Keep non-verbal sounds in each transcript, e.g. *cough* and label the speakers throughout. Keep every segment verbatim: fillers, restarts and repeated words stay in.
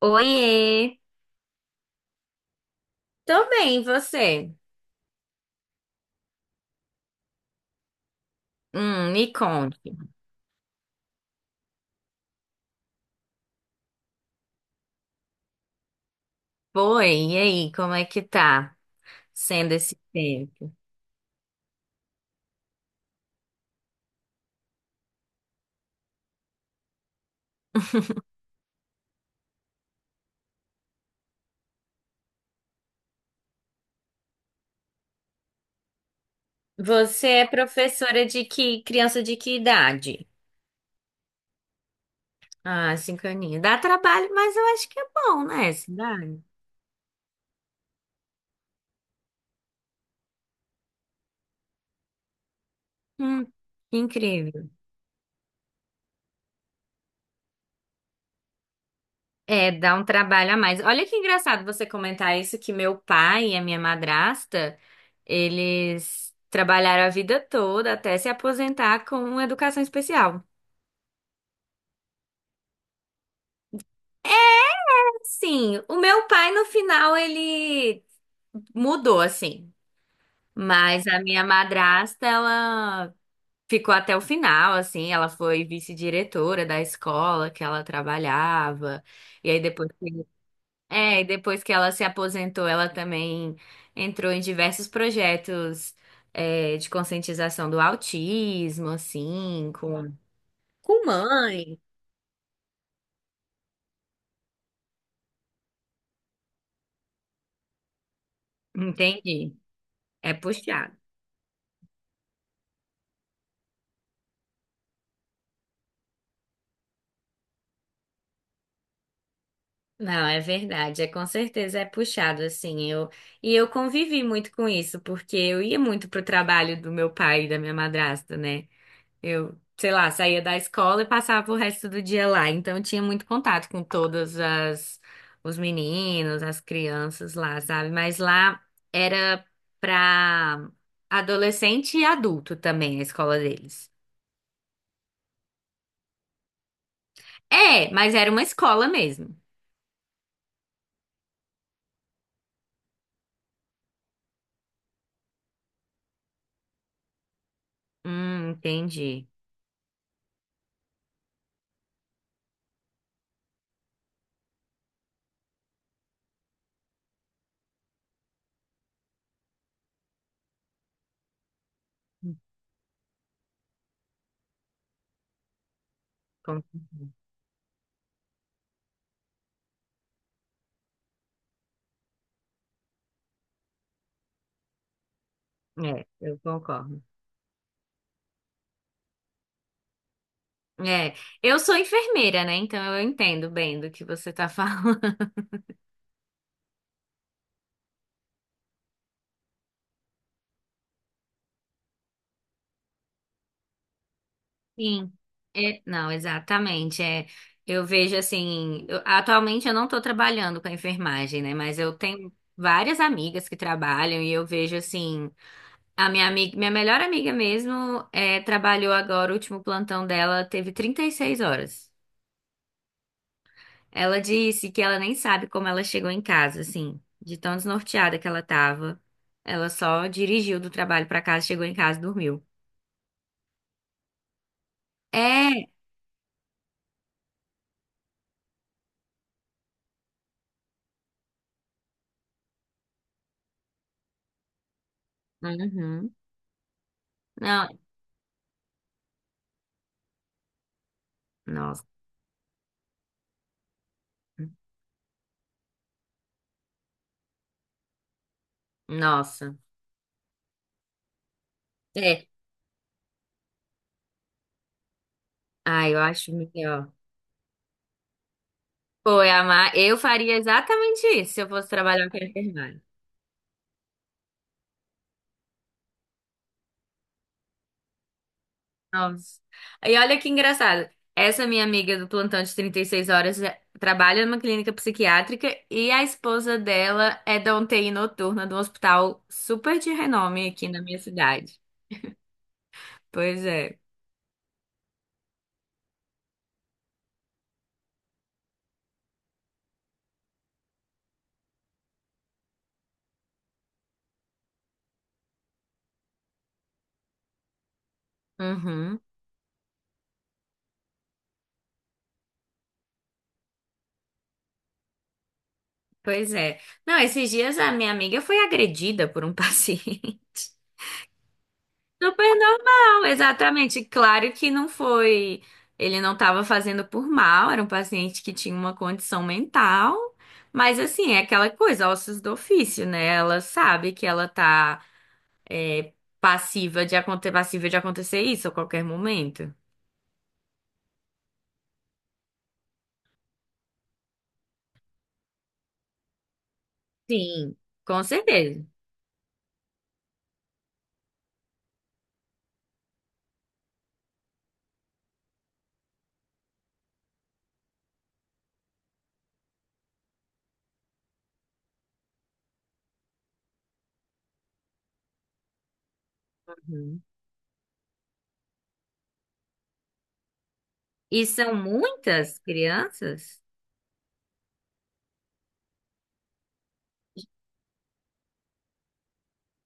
Speaker 1: Oiê, tô bem, e você? Hum, me conte. Foi, e aí, como é que tá sendo esse tempo? Você é professora de que criança de que idade? Ah, cinco aninhos. Dá trabalho, mas eu acho que é bom, né, essa idade? Hum, que incrível. É, dá um trabalho a mais. Olha que engraçado você comentar isso, que meu pai e a minha madrasta, eles trabalharam a vida toda até se aposentar com educação especial. Sim, o meu pai no final ele mudou assim, mas a minha madrasta ela ficou até o final assim, ela foi vice-diretora da escola que ela trabalhava. E aí depois que, é, e depois que ela se aposentou, ela também entrou em diversos projetos é, de conscientização do autismo assim, com com mãe. Entendi. É puxado. Não, é verdade, é com certeza é puxado assim. Eu e eu convivi muito com isso, porque eu ia muito pro trabalho do meu pai e da minha madrasta, né? Eu, sei lá, saía da escola e passava o resto do dia lá, então eu tinha muito contato com todas as os meninos, as crianças lá, sabe? Mas lá era pra adolescente e adulto também a escola deles. É, mas era uma escola mesmo. Hum, entendi. Com- É, eu concordo. É, eu sou enfermeira, né? Então eu entendo bem do que você tá *laughs* falando. Sim. É, não, exatamente. É, eu vejo assim, eu- atualmente eu não estou trabalhando com a enfermagem, né? Mas eu tenho várias amigas que trabalham e eu vejo assim, a minha amiga, minha melhor amiga mesmo, é, trabalhou agora, o último plantão dela teve trinta e seis horas. Ela disse que ela nem sabe como ela chegou em casa, assim, de tão desnorteada que ela tava. Ela só dirigiu do trabalho pra casa, chegou em casa e dormiu. É. Uhum. Não, nossa. Nossa. É. Ah, eu acho melhor. Foi, amar. Eu faria exatamente isso se eu fosse trabalhar com a enfermagem. Nossa. E olha que engraçado. Essa minha amiga do plantão de trinta e seis horas é- trabalha numa clínica psiquiátrica e a esposa dela é da U T I noturna de um hospital super de renome aqui na minha cidade. Pois é. Uhum. Pois é. Não, esses dias a minha amiga foi agredida por um *laughs* paciente. Super normal, exatamente. Claro que não foi. Ele não estava fazendo por mal, era um paciente que tinha uma condição mental. Mas, assim, é aquela coisa, ossos do ofício, né? Ela sabe que ela tá é, passiva de acontecer, passiva de acontecer isso a qualquer momento. Sim, com certeza. Uhum. E são muitas crianças?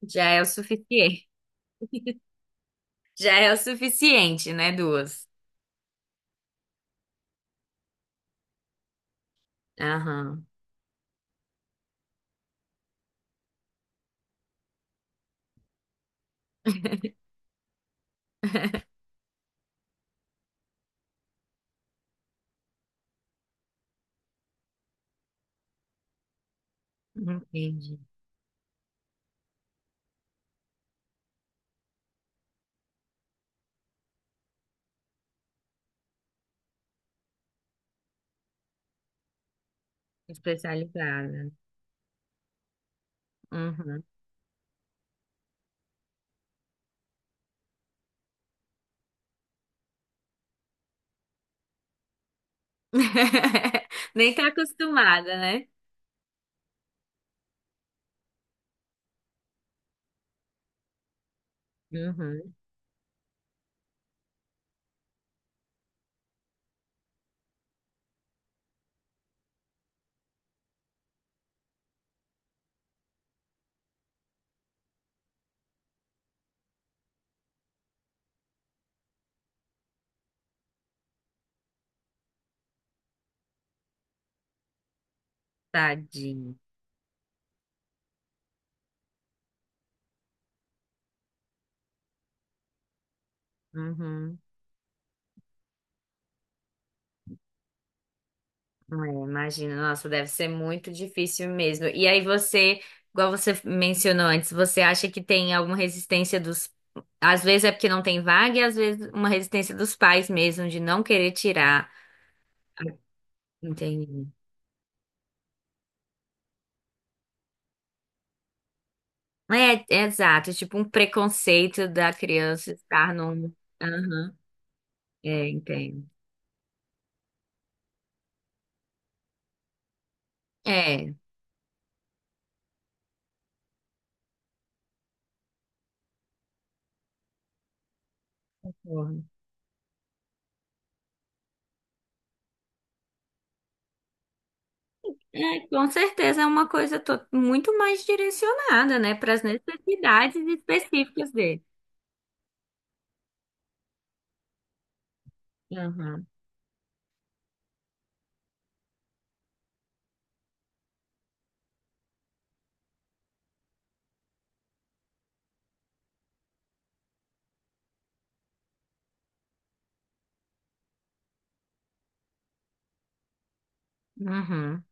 Speaker 1: Já é o suficiente. *laughs* Já é o suficiente, né? Duas. Aham, entendi. Especializada. Uhum. *laughs* Nem tá acostumada, né? Uhum. Tadinho. Uhum. É, imagina, nossa, deve ser muito difícil mesmo. E aí você, igual você mencionou antes, você acha que tem alguma resistência dos. Às vezes é porque não tem vaga, e às vezes uma resistência dos pais mesmo, de não querer tirar. Entendi. É, é exato, tipo um preconceito da criança estar num. Aham, é, entendo. É, concordo. É, com certeza é uma coisa to- muito mais direcionada, né, para as necessidades específicas dele. Uhum, uhum,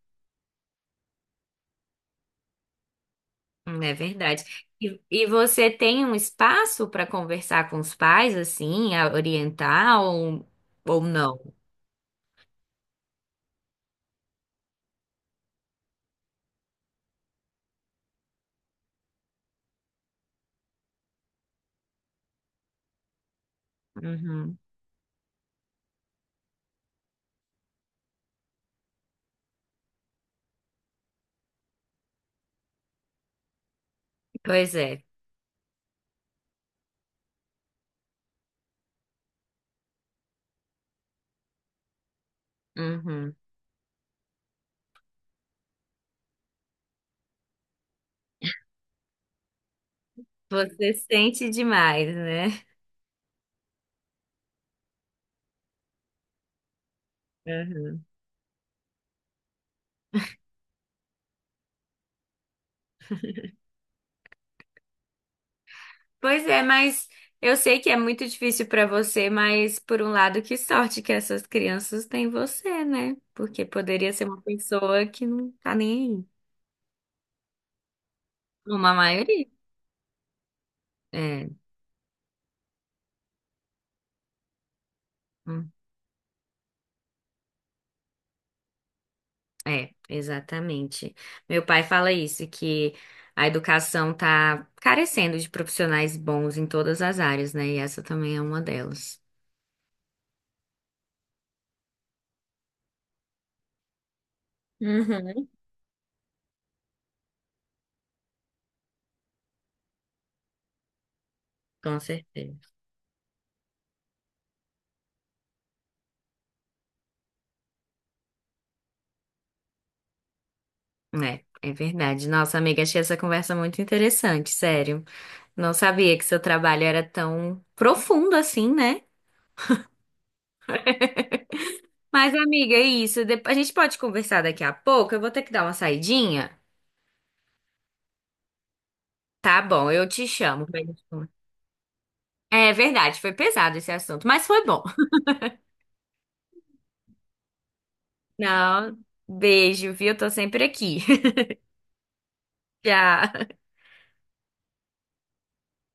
Speaker 1: é verdade. E, e você tem um espaço para conversar com os pais, assim, a orientar ou, ou não? Uhum, pois é. Uhum. Você sente demais, né? Pois é, mas eu sei que é muito difícil pra você, mas por um lado, que sorte que essas crianças têm você, né? Porque poderia ser uma pessoa que não tá nem aí. Uma maioria. É, hum, é, exatamente. Meu pai fala isso, que a educação tá carecendo de profissionais bons em todas as áreas, né? E essa também é uma delas. Uhum. Com certeza. É, é verdade. Nossa, amiga, achei essa conversa muito interessante, sério. Não sabia que seu trabalho era tão profundo assim, né? Mas, amiga, é isso. Dep- A gente pode conversar daqui a pouco. Eu vou ter que dar uma saidinha. Tá bom, eu te chamo. Pra gente conversar. É verdade, foi pesado esse assunto, mas foi bom. *laughs* Não, beijo, viu? Tô sempre aqui. *laughs* Tchau.